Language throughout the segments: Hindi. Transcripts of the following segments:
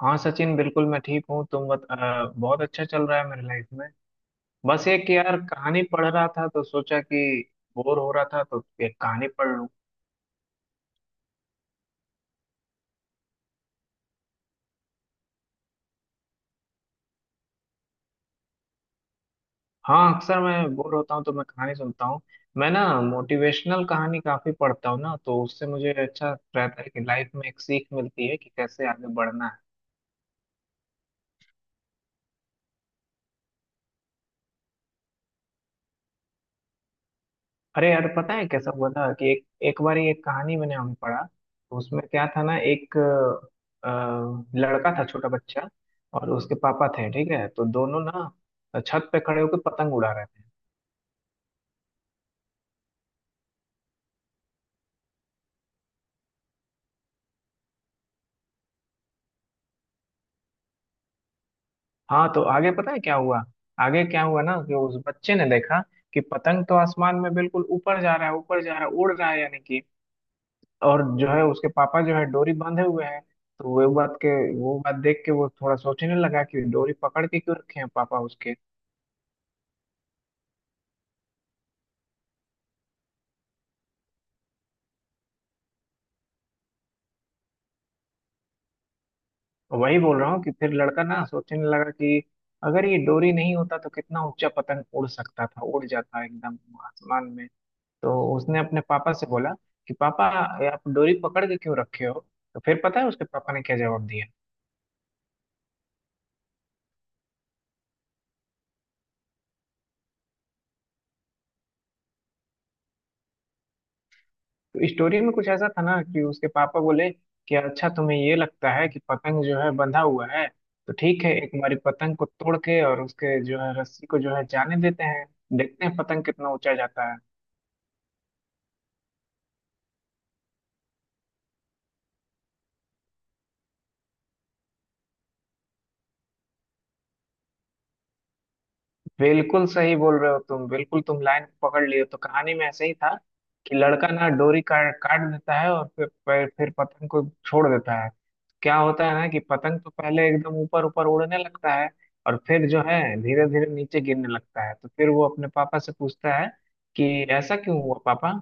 हाँ सचिन, बिल्कुल मैं ठीक हूँ। बहुत अच्छा चल रहा है मेरी लाइफ में। बस एक यार कहानी पढ़ रहा था, तो सोचा कि बोर हो रहा था तो एक कहानी पढ़ लूँ। हाँ, अक्सर मैं बोर होता हूँ तो मैं कहानी सुनता हूँ। मैं ना मोटिवेशनल कहानी काफी पढ़ता हूँ ना, तो उससे मुझे अच्छा रहता है कि लाइफ में एक सीख मिलती है कि कैसे आगे बढ़ना है। अरे यार, पता है कैसा हुआ था कि एक एक बार एक कहानी मैंने हमें पढ़ा, तो उसमें क्या था ना, एक अ, लड़का था, छोटा बच्चा। और उसके पापा थे, ठीक है, तो दोनों ना छत पे खड़े होकर पतंग उड़ा रहे थे। हाँ, तो आगे पता है क्या हुआ। आगे क्या हुआ ना कि उस बच्चे ने देखा कि पतंग तो आसमान में बिल्कुल ऊपर जा रहा है, ऊपर जा रहा है, उड़ रहा है, यानी कि और जो है उसके पापा जो है डोरी बांधे हुए हैं। तो वो बात के वो बात देख के वो थोड़ा सोचने लगा कि डोरी पकड़ के क्यों रखे हैं पापा उसके। वही बोल रहा हूँ कि फिर लड़का ना सोचने लगा कि अगर ये डोरी नहीं होता तो कितना ऊंचा पतंग उड़ सकता था, उड़ जाता एकदम आसमान में। तो उसने अपने पापा से बोला कि पापा, ये आप डोरी पकड़ के क्यों रखे हो। तो फिर पता है उसके पापा ने क्या जवाब दिया। तो इस स्टोरी में कुछ ऐसा था ना कि उसके पापा बोले कि अच्छा, तुम्हें ये लगता है कि पतंग जो है बंधा हुआ है, तो ठीक है, एक हमारी पतंग को तोड़ के और उसके जो है रस्सी को जो है जाने देते हैं, देखते हैं पतंग कितना ऊंचा जाता है। बिल्कुल सही बोल रहे हो तुम, बिल्कुल तुम लाइन पकड़ लिए हो। तो कहानी में ऐसे ही था कि लड़का ना डोरी काट काट देता है और फिर पतंग को छोड़ देता है। क्या होता है ना कि पतंग तो पहले एकदम ऊपर ऊपर उड़ने लगता है और फिर जो है धीरे धीरे नीचे गिरने लगता है। तो फिर वो अपने पापा से पूछता है कि ऐसा क्यों हुआ पापा।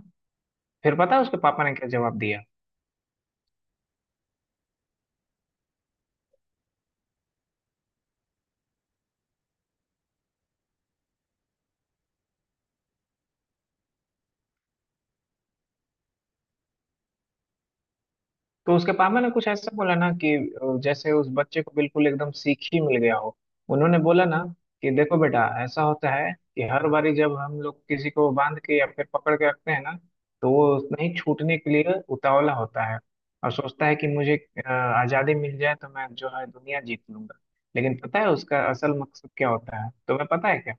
फिर पता है उसके पापा ने क्या जवाब दिया। तो उसके पापा ने कुछ ऐसा बोला ना कि जैसे उस बच्चे को बिल्कुल एकदम सीख ही मिल गया हो। उन्होंने बोला ना कि देखो बेटा, ऐसा होता है कि हर बारी जब हम लोग किसी को बांध के या फिर पकड़ के रखते हैं ना, तो वो नहीं छूटने के लिए उतावला होता है और सोचता है कि मुझे आजादी मिल जाए तो मैं जो है दुनिया जीत लूंगा। लेकिन पता है उसका असल मकसद क्या होता है, तुम्हें पता है क्या।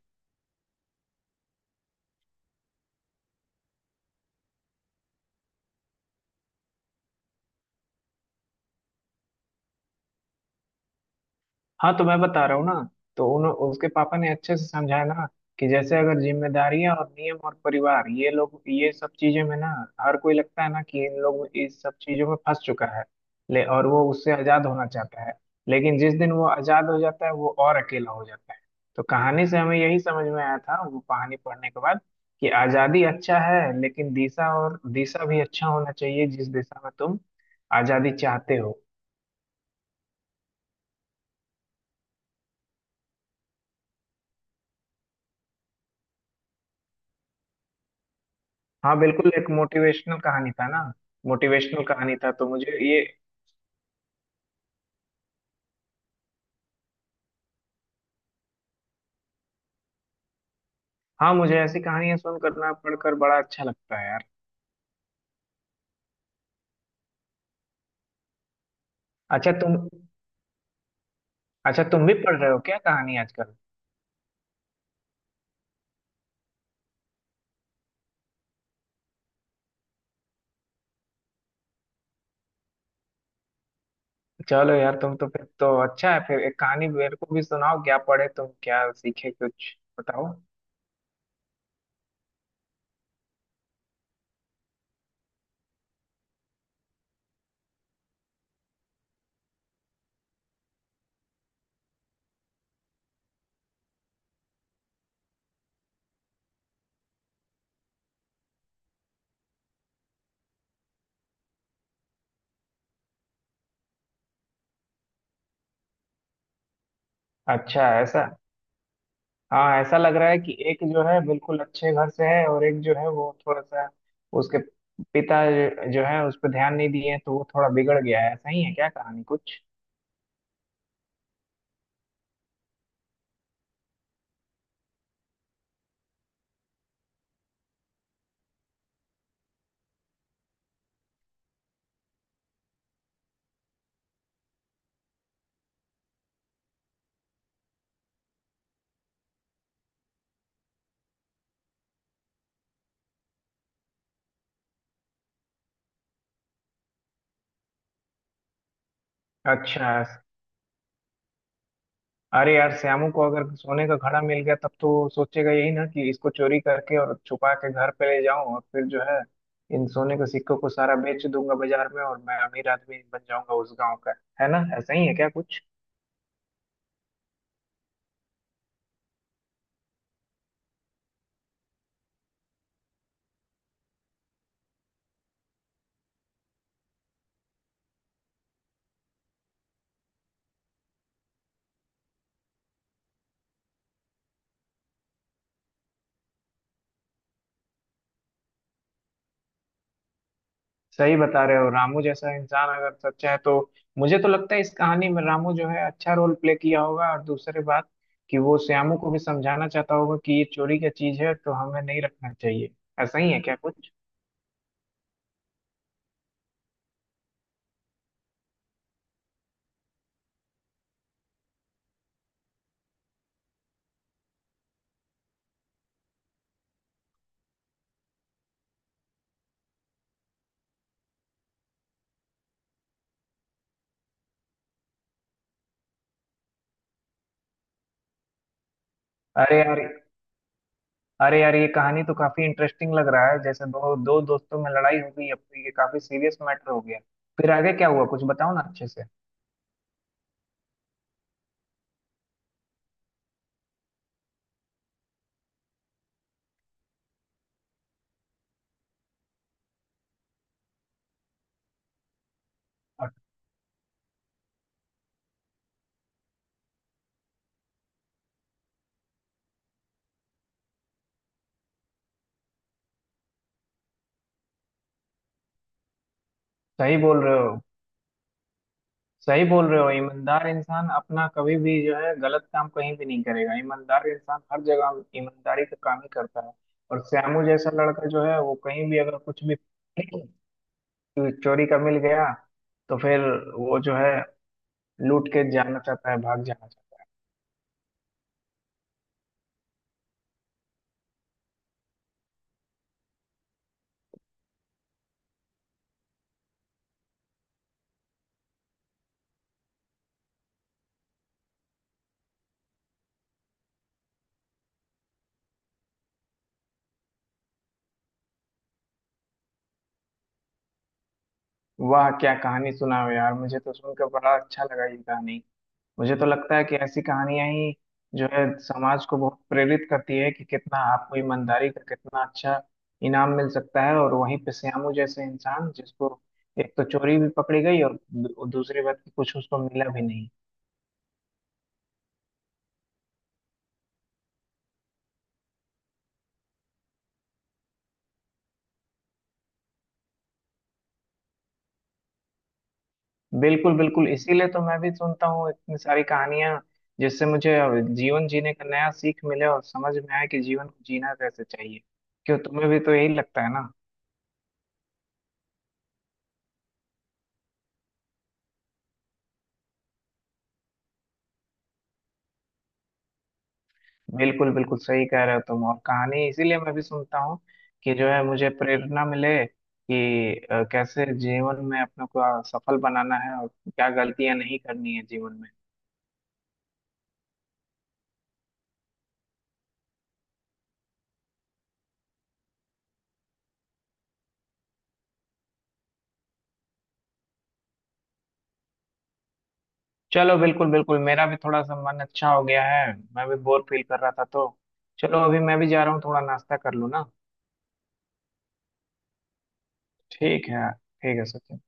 हाँ, तो मैं बता रहा हूँ ना। तो उन उसके पापा ने अच्छे से समझाया ना कि जैसे अगर जिम्मेदारियां और नियम और परिवार, ये लोग, ये सब चीजें में ना, हर कोई लगता है ना कि इन लोग इस सब चीजों में फंस चुका है ले, और वो उससे आजाद होना चाहता है। लेकिन जिस दिन वो आजाद हो जाता है, वो और अकेला हो जाता है। तो कहानी से हमें यही समझ में आया था वो कहानी पढ़ने के बाद, कि आजादी अच्छा है, लेकिन दिशा, और दिशा भी अच्छा होना चाहिए जिस दिशा में तुम आजादी चाहते हो। हाँ बिल्कुल, एक मोटिवेशनल कहानी था ना। मोटिवेशनल कहानी था तो मुझे ये। हाँ, मुझे ऐसी कहानियां सुनकर ना, पढ़कर बड़ा अच्छा लगता है यार। अच्छा तुम, अच्छा तुम भी पढ़ रहे हो क्या कहानी आजकल। चलो यार, तुम तो फिर तो अच्छा है, फिर एक कहानी मेरे को भी सुनाओ, क्या पढ़े तुम, क्या सीखे, कुछ बताओ। अच्छा ऐसा। हाँ, ऐसा लग रहा है कि एक जो है बिल्कुल अच्छे घर से है और एक जो है वो थोड़ा सा, उसके पिता जो जो है उस पर ध्यान नहीं दिए तो वो थोड़ा बिगड़ गया है, ऐसा ही है क्या कहानी कुछ। अच्छा। अरे यार, श्यामू को अगर सोने का घड़ा मिल गया तब तो वो सोचेगा यही ना कि इसको चोरी करके और छुपा के घर पे ले जाऊं और फिर जो है इन सोने के सिक्कों को सारा बेच दूंगा बाजार में और मैं अमीर आदमी बन जाऊंगा उस गांव का। है ना, ऐसा ही है क्या कुछ। सही बता रहे हो, रामू जैसा इंसान अगर सच्चा है तो मुझे तो लगता है इस कहानी में रामू जो है अच्छा रोल प्ले किया होगा, और दूसरी बात कि वो श्यामू को भी समझाना चाहता होगा कि ये चोरी का चीज है तो हमें नहीं रखना चाहिए। ऐसा ही है क्या कुछ। अरे यार अरे यार, ये कहानी तो काफी इंटरेस्टिंग लग रहा है, जैसे दो दो दोस्तों में लड़ाई हो गई, अब तो ये काफी सीरियस मैटर हो गया। फिर आगे क्या हुआ कुछ बताओ ना अच्छे से। और सही बोल रहे हो सही बोल रहे हो। ईमानदार इंसान अपना कभी भी जो है गलत काम कहीं भी नहीं करेगा, ईमानदार इंसान हर जगह ईमानदारी का काम ही करता है। और श्यामू जैसा लड़का जो है वो कहीं भी अगर कुछ भी चोरी का मिल गया तो फिर वो जो है लूट के जाना चाहता है, भाग जाना चाहता है। वाह, क्या कहानी सुनाओ यार, मुझे तो सुनकर बड़ा अच्छा लगा ये कहानी। मुझे तो लगता है कि ऐसी कहानियां ही जो है समाज को बहुत प्रेरित करती है, कि कितना आपको ईमानदारी का कितना अच्छा इनाम मिल सकता है, और वहीं पे श्यामू जैसे इंसान जिसको एक तो चोरी भी पकड़ी गई और दूसरी बात कि कुछ उसको मिला भी नहीं। बिल्कुल बिल्कुल, इसीलिए तो मैं भी सुनता हूँ इतनी सारी कहानियां, जिससे मुझे जीवन जीने का नया सीख मिले और समझ में आए कि जीवन को जीना कैसे चाहिए। क्यों, तुम्हें भी तो यही लगता है ना। बिल्कुल बिल्कुल, सही कह रहे हो तुम। और कहानी इसीलिए मैं भी सुनता हूँ कि जो है मुझे प्रेरणा मिले कि कैसे जीवन में अपने को सफल बनाना है, और क्या गलतियां नहीं करनी है जीवन में। चलो बिल्कुल बिल्कुल, मेरा भी थोड़ा सा मन अच्छा हो गया है। मैं भी बोर फील कर रहा था, तो चलो अभी मैं भी जा रहा हूँ, थोड़ा नाश्ता कर लूँ ना। ठीक है सचिन।